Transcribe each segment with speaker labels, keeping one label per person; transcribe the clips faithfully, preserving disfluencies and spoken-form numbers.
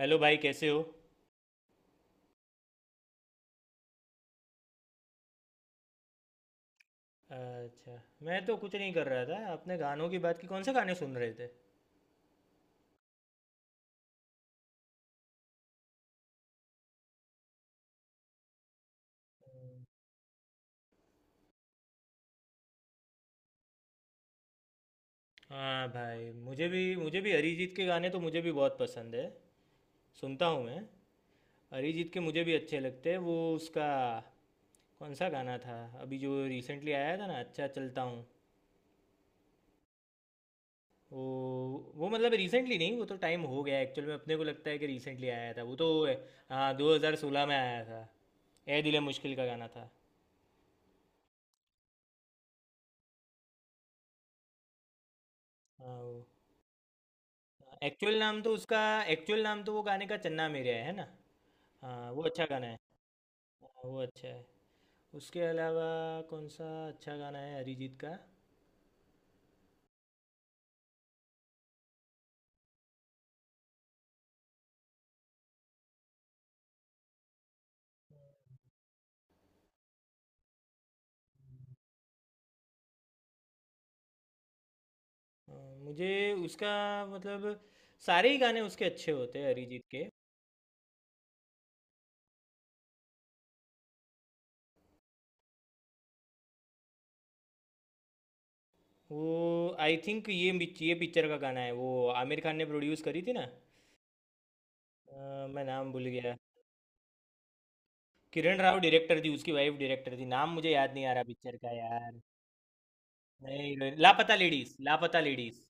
Speaker 1: Hello भाई कैसे हो। अच्छा। मैं तो कुछ नहीं कर रहा था। आपने गानों की बात की, कौन से गाने सुन रहे थे? हाँ भाई, मुझे भी मुझे भी अरिजीत के गाने तो मुझे भी बहुत पसंद है। सुनता हूँ मैं। अरिजीत के मुझे भी अच्छे लगते हैं, वो उसका कौन सा गाना था अभी जो रिसेंटली आया था ना, अच्छा चलता हूँ। वो वो मतलब रिसेंटली नहीं, वो तो टाइम हो गया एक्चुअल में, अपने को लगता है कि रिसेंटली आया था वो तो। हाँ, दो हज़ार सोलह में आया था। ए दिल है मुश्किल का गाना था। हाँ वो एक्चुअल नाम तो उसका एक्चुअल नाम तो वो गाने का चन्ना मेरेया है है ना। हाँ वो अच्छा गाना है। हाँ, वो अच्छा है। उसके अलावा कौन सा अच्छा गाना है अरिजीत का? अ, मुझे उसका मतलब सारे ही गाने उसके अच्छे होते हैं अरिजीत के। वो आई थिंक ये मिच- ये पिक्चर का गाना है वो। आमिर खान ने प्रोड्यूस करी थी ना। अ, मैं नाम भूल गया। किरण राव डायरेक्टर थी, उसकी वाइफ डायरेक्टर थी, नाम मुझे याद नहीं आ रहा पिक्चर का यार। नहीं, लापता लेडीज, लापता लेडीज।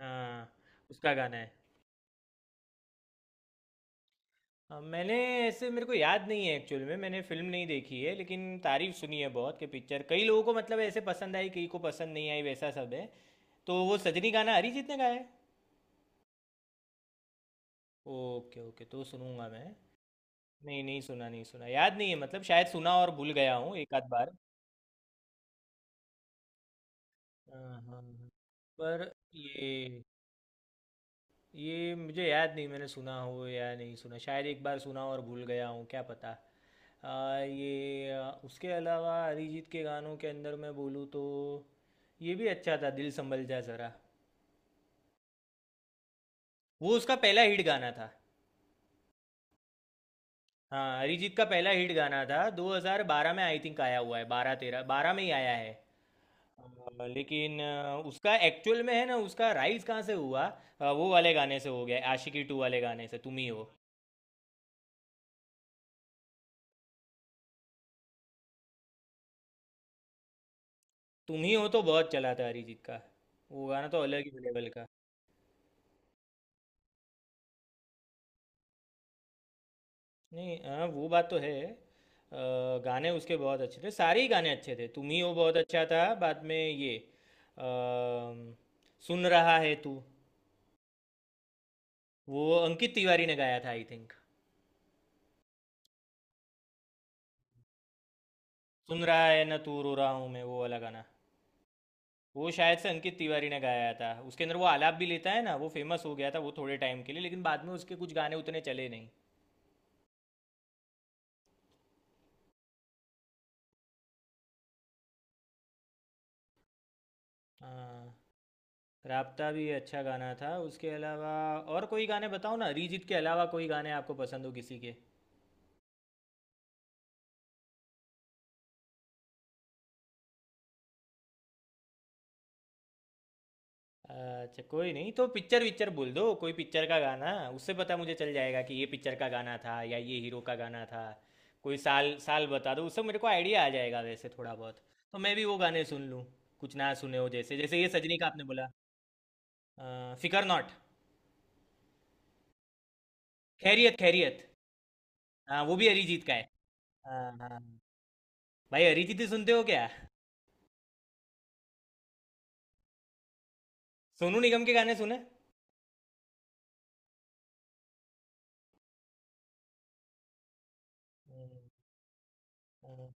Speaker 1: हाँ उसका गाना है। हाँ, मैंने ऐसे मेरे को याद नहीं है एक्चुअल में, मैंने फिल्म नहीं देखी है लेकिन तारीफ सुनी है बहुत कि पिक्चर कई लोगों को मतलब ऐसे पसंद आई, कई को पसंद नहीं आई, वैसा सब है। तो वो सजनी गाना अरिजीत ने गाया है। ओके ओके, तो सुनूंगा मैं। नहीं नहीं सुना, नहीं सुना, याद नहीं है, मतलब शायद सुना और भूल गया हूँ एक आध बार। हाँ हाँ हाँ। पर ये ये मुझे याद नहीं, मैंने सुना हो या नहीं सुना, शायद एक बार सुना और भूल गया हूँ क्या पता। आ, ये आ, उसके अलावा अरिजीत के गानों के अंदर मैं बोलूँ तो ये भी अच्छा था, दिल संभल जा ज़रा। वो उसका पहला हिट गाना था। हाँ अरिजीत का पहला हिट गाना था, दो हज़ार बारह में आई थिंक आया हुआ है, बारह तेरह बारह में ही आया है। अ, लेकिन अ, उसका एक्चुअल में है ना उसका राइज कहाँ से हुआ, अ, वो वाले गाने से हो गया है, आशिकी टू वाले गाने से, तुम ही हो। तुम ही हो तो बहुत चला था अरिजीत का। वो गाना तो अलग ही लेवल का। नहीं हाँ वो बात तो है। अ, गाने उसके बहुत अच्छे थे, सारे ही गाने अच्छे थे, तुम ही हो बहुत अच्छा था, बाद में ये अम, सुन रहा है तू। वो अंकित तिवारी ने गाया था आई थिंक। सुन रहा है ना तू रो रहा हूँ मैं, वो वाला गाना वो शायद से अंकित तिवारी ने गाया था। उसके अंदर वो आलाप भी लेता है ना, वो फेमस हो गया था वो थोड़े टाइम के लिए, लेकिन बाद में उसके कुछ गाने उतने चले नहीं। हाँ राब्ता भी अच्छा गाना था। उसके अलावा और कोई गाने बताओ ना, अरिजीत के अलावा कोई गाने आपको पसंद हो किसी के? अच्छा कोई नहीं तो पिक्चर विक्चर बोल दो, कोई पिक्चर का गाना, उससे पता मुझे चल जाएगा कि ये पिक्चर का गाना था या ये हीरो का गाना था। कोई साल साल बता दो, उससे मेरे को आइडिया आ जाएगा वैसे थोड़ा बहुत। तो मैं भी वो गाने सुन लूँ कुछ ना सुने हो, जैसे जैसे ये सजनी का आपने बोला। अ, फिकर नॉट। खैरियत खैरियत। हाँ वो भी अरिजीत का है। हाँ हाँ भाई अरिजीत ही सुनते हो क्या? सोनू निगम के गाने सुने। हम्म, हम्म।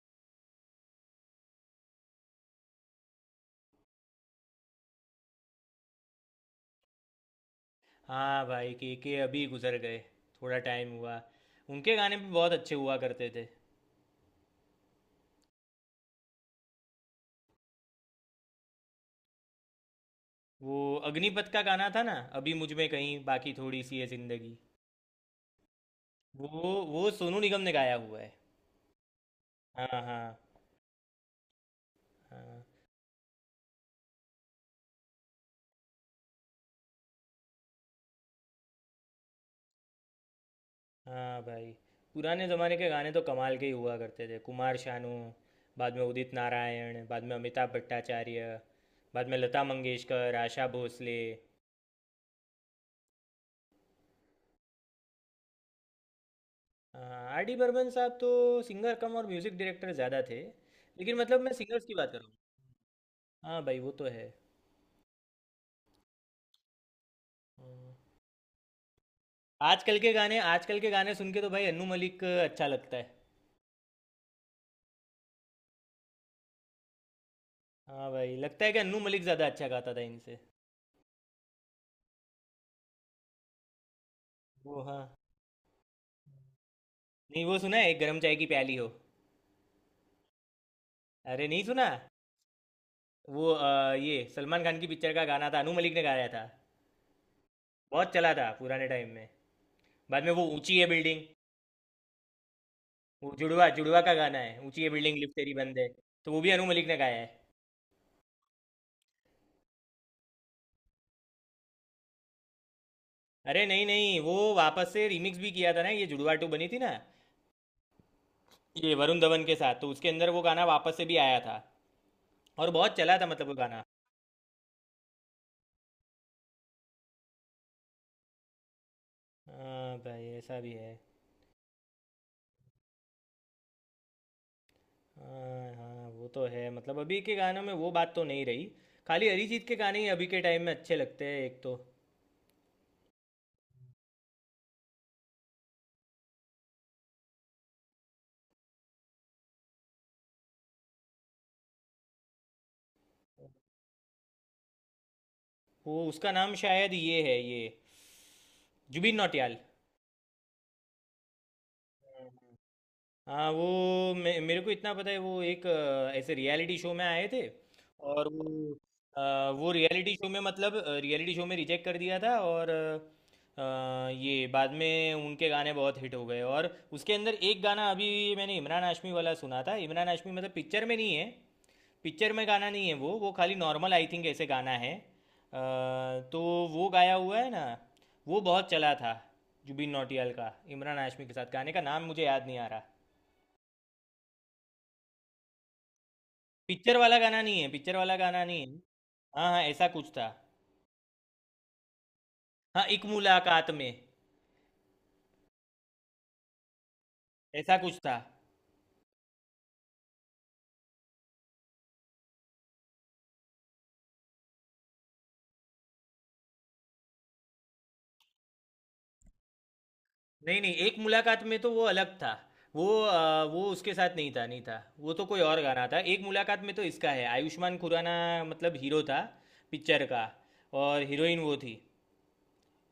Speaker 1: हाँ भाई के के अभी गुजर गए, थोड़ा टाइम हुआ। उनके गाने भी बहुत अच्छे हुआ करते थे। वो अग्निपथ का गाना था ना, अभी मुझ में कहीं बाकी थोड़ी सी है जिंदगी, वो वो सोनू निगम ने गाया हुआ है। हाँ हाँ हाँ। हाँ भाई पुराने ज़माने के गाने तो कमाल के ही हुआ करते थे, कुमार शानू, बाद में उदित नारायण, बाद में अमिताभ भट्टाचार्य, बाद में लता मंगेशकर, आशा भोसले। हाँ, आर डी बर्मन साहब तो सिंगर कम और म्यूज़िक डायरेक्टर ज़्यादा थे, लेकिन मतलब मैं सिंगर्स की बात करूँ। हाँ भाई वो तो है। हाँ। आजकल के गाने, आजकल के गाने सुन के तो भाई अन्नू मलिक अच्छा लगता है। हाँ भाई लगता है कि अन्नू मलिक ज़्यादा अच्छा गाता था इनसे। वो हाँ नहीं वो सुना है, एक गरम चाय की प्याली हो। अरे नहीं सुना? वो अ, ये सलमान खान की पिक्चर का गाना था, अनु मलिक ने गाया था, बहुत चला था पुराने टाइम में। बाद में वो ऊंची है बिल्डिंग। वो जुड़वा, जुड़वा का गाना है, ऊंची है बिल्डिंग लिफ्ट तेरी बंद है। तो वो भी अनु मलिक ने गाया है। अरे नहीं नहीं, वो वापस से रिमिक्स भी किया था ना, ये जुड़वा टू बनी थी ना, ये वरुण धवन के साथ, तो उसके अंदर वो गाना वापस से भी आया था और बहुत चला था मतलब वो गाना। हाँ भाई ऐसा भी है। हाँ हाँ वो तो है, मतलब अभी के गानों में वो बात तो नहीं रही। खाली अरिजीत के गाने ही अभी के टाइम में अच्छे लगते हैं एक तो। वो उसका नाम शायद ये है, ये जुबिन नौटियाल। हाँ वो मे, मेरे को इतना पता है वो एक अ, ऐसे रियलिटी शो में आए थे। और वो अ, वो रियलिटी शो में मतलब रियलिटी शो में रिजेक्ट कर दिया था, और अ, ये बाद में उनके गाने बहुत हिट हो गए। और उसके अंदर एक गाना अभी मैंने इमरान हाशमी वाला सुना था, इमरान हाशमी मतलब पिक्चर में नहीं है, पिक्चर में गाना नहीं है, वो वो खाली नॉर्मल आई थिंक ऐसे गाना है। अ, तो वो गाया हुआ है ना, वो बहुत चला था। जुबिन नौटियाल का इमरान हाशमी के साथ गाने का नाम मुझे याद नहीं आ रहा। पिक्चर वाला गाना नहीं है, पिक्चर वाला गाना नहीं है। हाँ हाँ ऐसा कुछ था। हाँ एक मुलाकात में, ऐसा कुछ था। नहीं नहीं एक मुलाकात में तो वो अलग था। वो अ, वो उसके साथ नहीं था, नहीं था। वो तो कोई और गाना था। एक मुलाकात में तो इसका है आयुष्मान खुराना, मतलब हीरो था पिक्चर का। और हीरोइन वो थी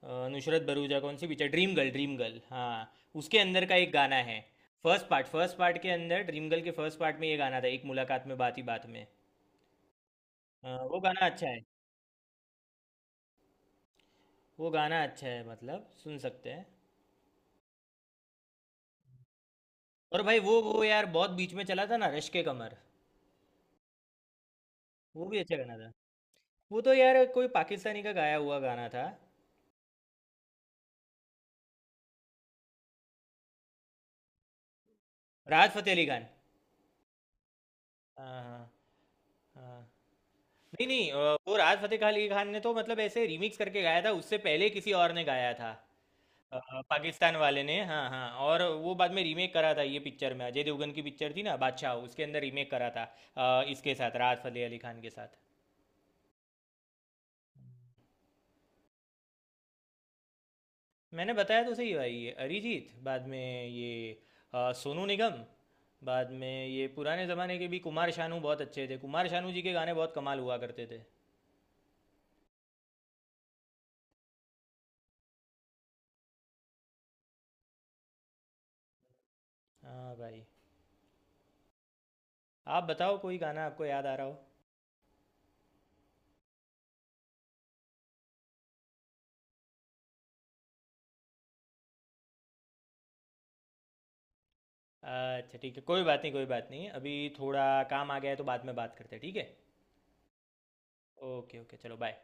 Speaker 1: अ, नुसरत भरूचा। कौन सी picture? Dream girl, dream girl हाँ। उसके अंदर का एक गाना है, फर्स्ट पार्ट, फर्स्ट पार्ट के अंदर, ड्रीम गर्ल के फर्स्ट पार्ट में ये गाना था, एक मुलाकात में बात ही बात में। अ, वो गाना अच्छा है। वो गाना अच्छा है, मतलब सुन सकते हैं। और भाई वो वो यार बहुत बीच में चला था ना, रश्क कमर। वो भी अच्छा गाना था। वो तो यार कोई पाकिस्तानी का गाया हुआ गाना था। राहत फ़तेह अली खान। हाँ हाँ हाँ। नहीं नहीं अ, वो राहत फ़तेह अली खान ने तो मतलब ऐसे रिमिक्स करके गाया था, उससे पहले किसी और ने गाया था। अ, पाकिस्तान वाले ने, हाँ हाँ। और वो बाद में रीमेक करा था, ये पिक्चर में अजय देवगन की पिक्चर थी ना बादशाह, उसके अंदर रीमेक करा था, अ, इसके साथ राहत फ़तेह अली खान के साथ। मैंने बताया तो सही भाई, ये अरिजीत बाद में ये अ, सोनू निगम, बाद में ये पुराने ज़माने के भी कुमार शानू बहुत अच्छे थे, कुमार शानू जी के गाने बहुत कमाल हुआ करते थे। हाँ भाई आप बताओ कोई गाना आपको याद आ रहा हो। अच्छा ठीक है, कोई बात नहीं, कोई बात नहीं। अभी थोड़ा काम आ गया है, तो बाद में बात करते हैं, ठीक है? ओके ओके चलो बाय।